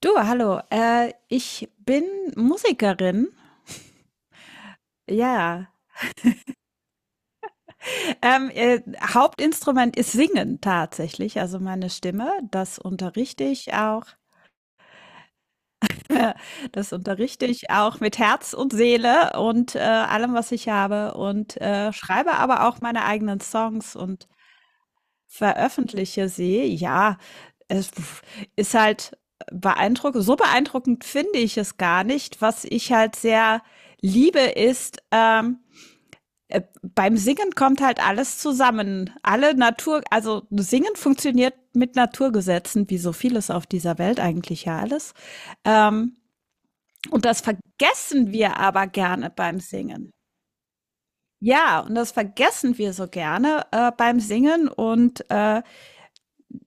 Du, hallo. Ich bin Musikerin. Ja. Ähm, äh, Hauptinstrument ist Singen tatsächlich, also meine Stimme. Das unterrichte ich auch. Das unterrichte ich auch mit Herz und Seele und allem, was ich habe. Und schreibe aber auch meine eigenen Songs und veröffentliche sie. Ja, es ist halt beeindruckend. So beeindruckend finde ich es gar nicht. Was ich halt sehr liebe, ist, beim Singen kommt halt alles zusammen. Alle Natur, also Singen funktioniert mit Naturgesetzen, wie so vieles auf dieser Welt eigentlich ja alles. Ähm, und das vergessen wir aber gerne beim Singen. Ja, und das vergessen wir so gerne beim Singen und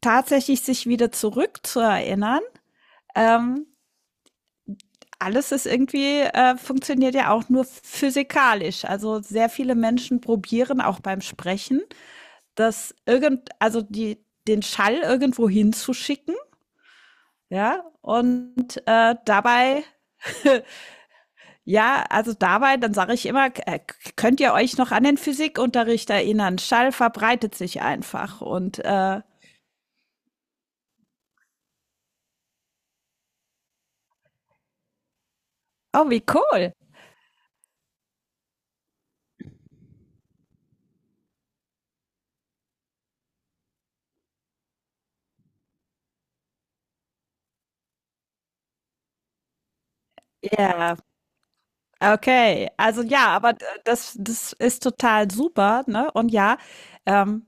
tatsächlich sich wieder zurück zu erinnern. Ähm, alles ist irgendwie, funktioniert ja auch nur physikalisch. Also sehr viele Menschen probieren auch beim Sprechen das also den Schall irgendwo hinzuschicken, ja, und ja, also dabei, dann sage ich immer, könnt ihr euch noch an den Physikunterricht erinnern? Schall verbreitet sich einfach und oh, wie cool. Ja, okay. Also ja, aber das ist total super, ne? Und ja, ähm,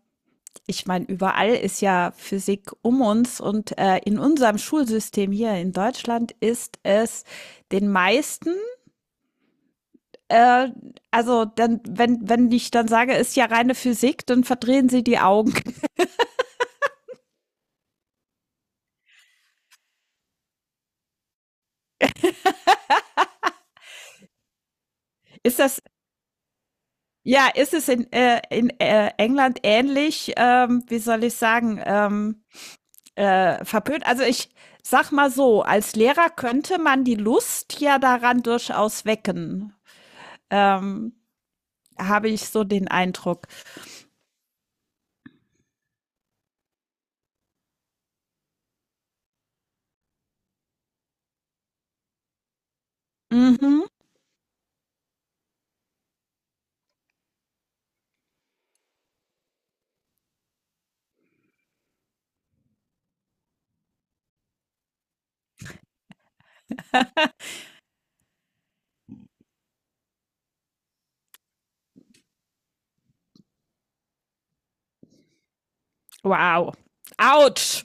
ich meine, überall ist ja Physik um uns und in unserem Schulsystem hier in Deutschland ist es den meisten, äh, also dann, wenn, wenn ich dann sage, ist ja reine Physik, dann verdrehen sie die Augen. Ist das, ja, ist es in, England ähnlich, wie soll ich sagen, verpönt? Also ich sag mal so, als Lehrer könnte man die Lust ja daran durchaus wecken. Ähm, habe ich so den Eindruck. Mhm. Wow. Autsch.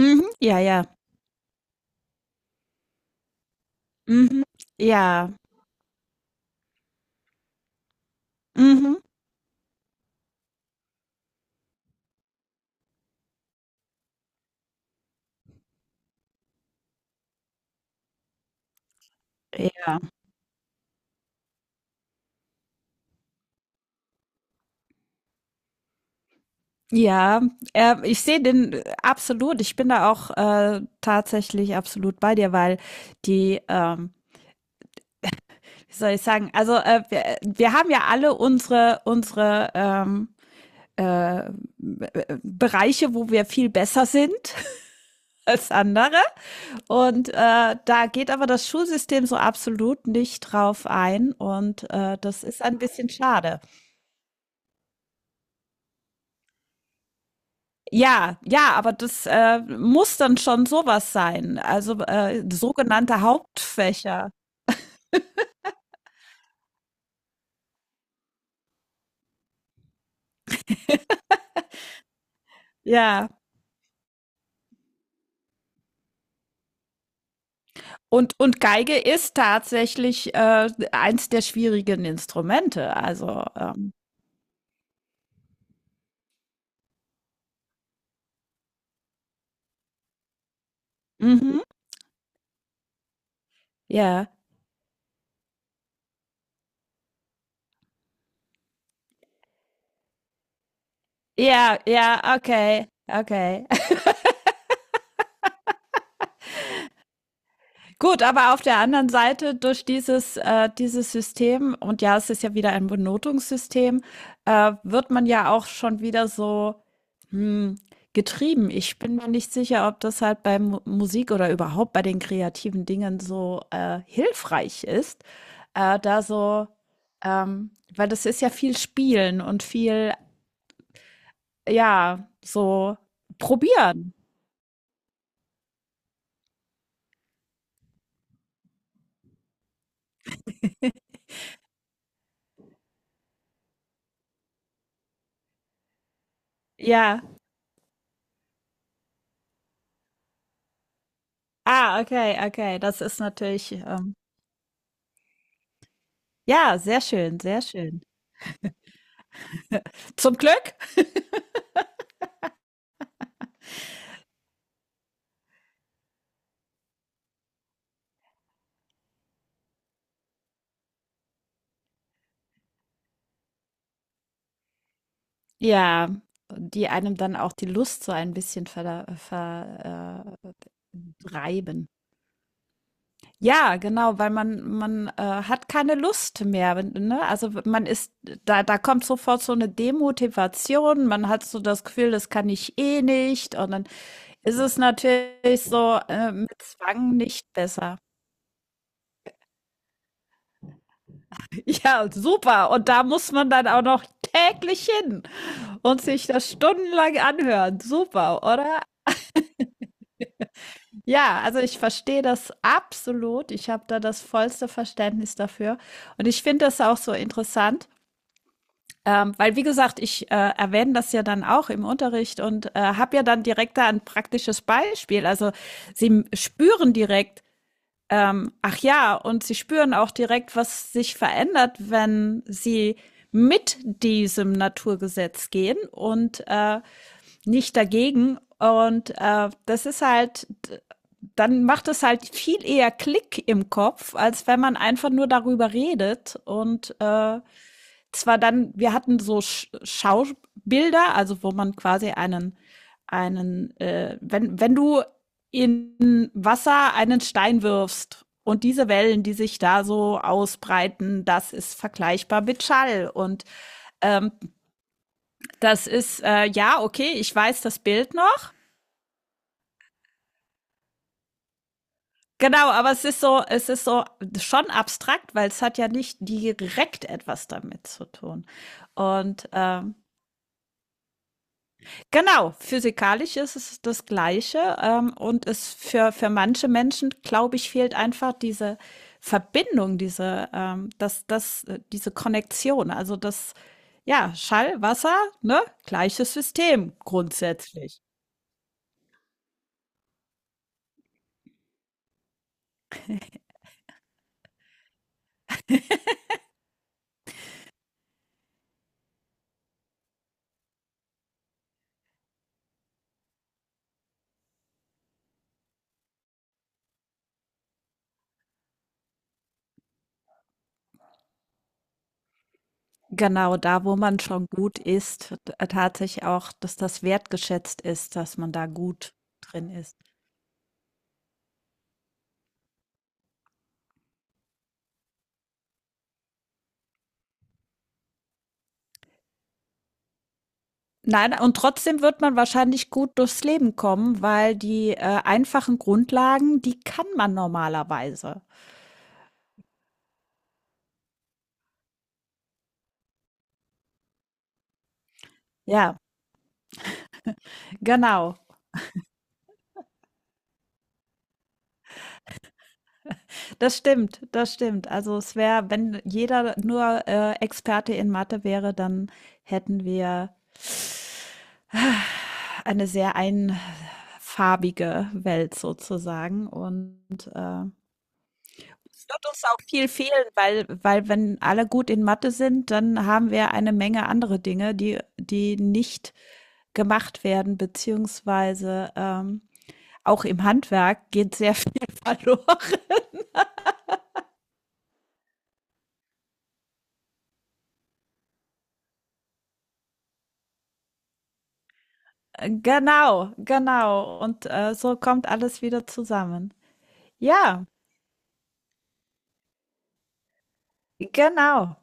Mhm. Ja, ja. Mhm. Ja. Mhm. Ja, ja, ich sehe den absolut. Ich bin da auch tatsächlich absolut bei dir, weil die, ähm, wie soll ich sagen, also wir haben ja alle unsere äh, Bereiche, wo wir viel besser sind als andere. Und da geht aber das Schulsystem so absolut nicht drauf ein. Und das ist ein bisschen schade. Ja, ja, aber das, muss dann schon sowas sein. Also, sogenannte Hauptfächer. Ja. Und Geige ist tatsächlich, eins der schwierigen Instrumente. Also, mhm. Ja. Ja, ja, okay, okay. Gut, aber auf der anderen Seite durch dieses, dieses System und ja, es ist ja wieder ein Benotungssystem, wird man ja auch schon wieder so Hm, getrieben. Ich bin mir nicht sicher, ob das halt bei Mu Musik oder überhaupt bei den kreativen Dingen so, hilfreich ist, da so ähm, weil das ist ja viel Spielen und viel, ja, so probieren. Ja. Ah, okay, okay. Das ist natürlich, ja, sehr schön, sehr schön. Zum Glück. Ja, die einem dann auch die Lust so ein bisschen verda ver reiben. Ja, genau, weil man hat keine Lust mehr, wenn- ne? Also man ist da kommt sofort so eine Demotivation, man hat so das Gefühl, das kann ich eh nicht und dann ist es natürlich so mit Zwang nicht besser. Ja, super und da muss man dann auch noch täglich hin und sich das stundenlang anhören. Super, oder? Ja, also ich verstehe das absolut. Ich habe da das vollste Verständnis dafür und ich finde das auch so interessant. Weil, wie gesagt, ich erwähne das ja dann auch im Unterricht und habe ja dann direkt da ein praktisches Beispiel. Also sie spüren direkt, ach ja, und sie spüren auch direkt, was sich verändert, wenn sie mit diesem Naturgesetz gehen und nicht dagegen. Und das ist halt, dann macht es halt viel eher Klick im Kopf, als wenn man einfach nur darüber redet und zwar dann, wir hatten so Schaubilder, also wo man quasi wenn, wenn du in Wasser einen Stein wirfst und diese Wellen, die sich da so ausbreiten, das ist vergleichbar mit Schall. Und ähm, das ist, ja, okay, ich weiß das Bild noch. Genau, aber es ist so schon abstrakt, weil es hat ja nicht direkt etwas damit zu tun. Und ähm, Genau, physikalisch ist es das Gleiche, und es für manche Menschen, glaube ich, fehlt einfach diese Verbindung, diese Konnektion. Also, das ja, Schall, Wasser, ne, gleiches System grundsätzlich. Genau, da, wo man schon gut ist, t tatsächlich auch, dass das wertgeschätzt ist, dass man da gut drin ist. Nein, und trotzdem wird man wahrscheinlich gut durchs Leben kommen, weil die, einfachen Grundlagen, die kann man normalerweise. Ja, genau. Das stimmt, das stimmt. Also es wäre, wenn jeder nur, Experte in Mathe wäre, dann hätten wir äh, eine sehr einfarbige Welt sozusagen und. Es wird uns auch viel fehlen, weil, weil wenn alle gut in Mathe sind, dann haben wir eine Menge andere Dinge, die nicht gemacht werden, beziehungsweise auch im Handwerk geht sehr viel verloren. Genau, genau. Und so kommt alles wieder zusammen. Ja, genau.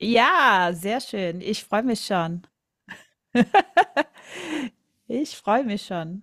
Ja, sehr schön. Ich freue mich schon. Ich freue mich schon.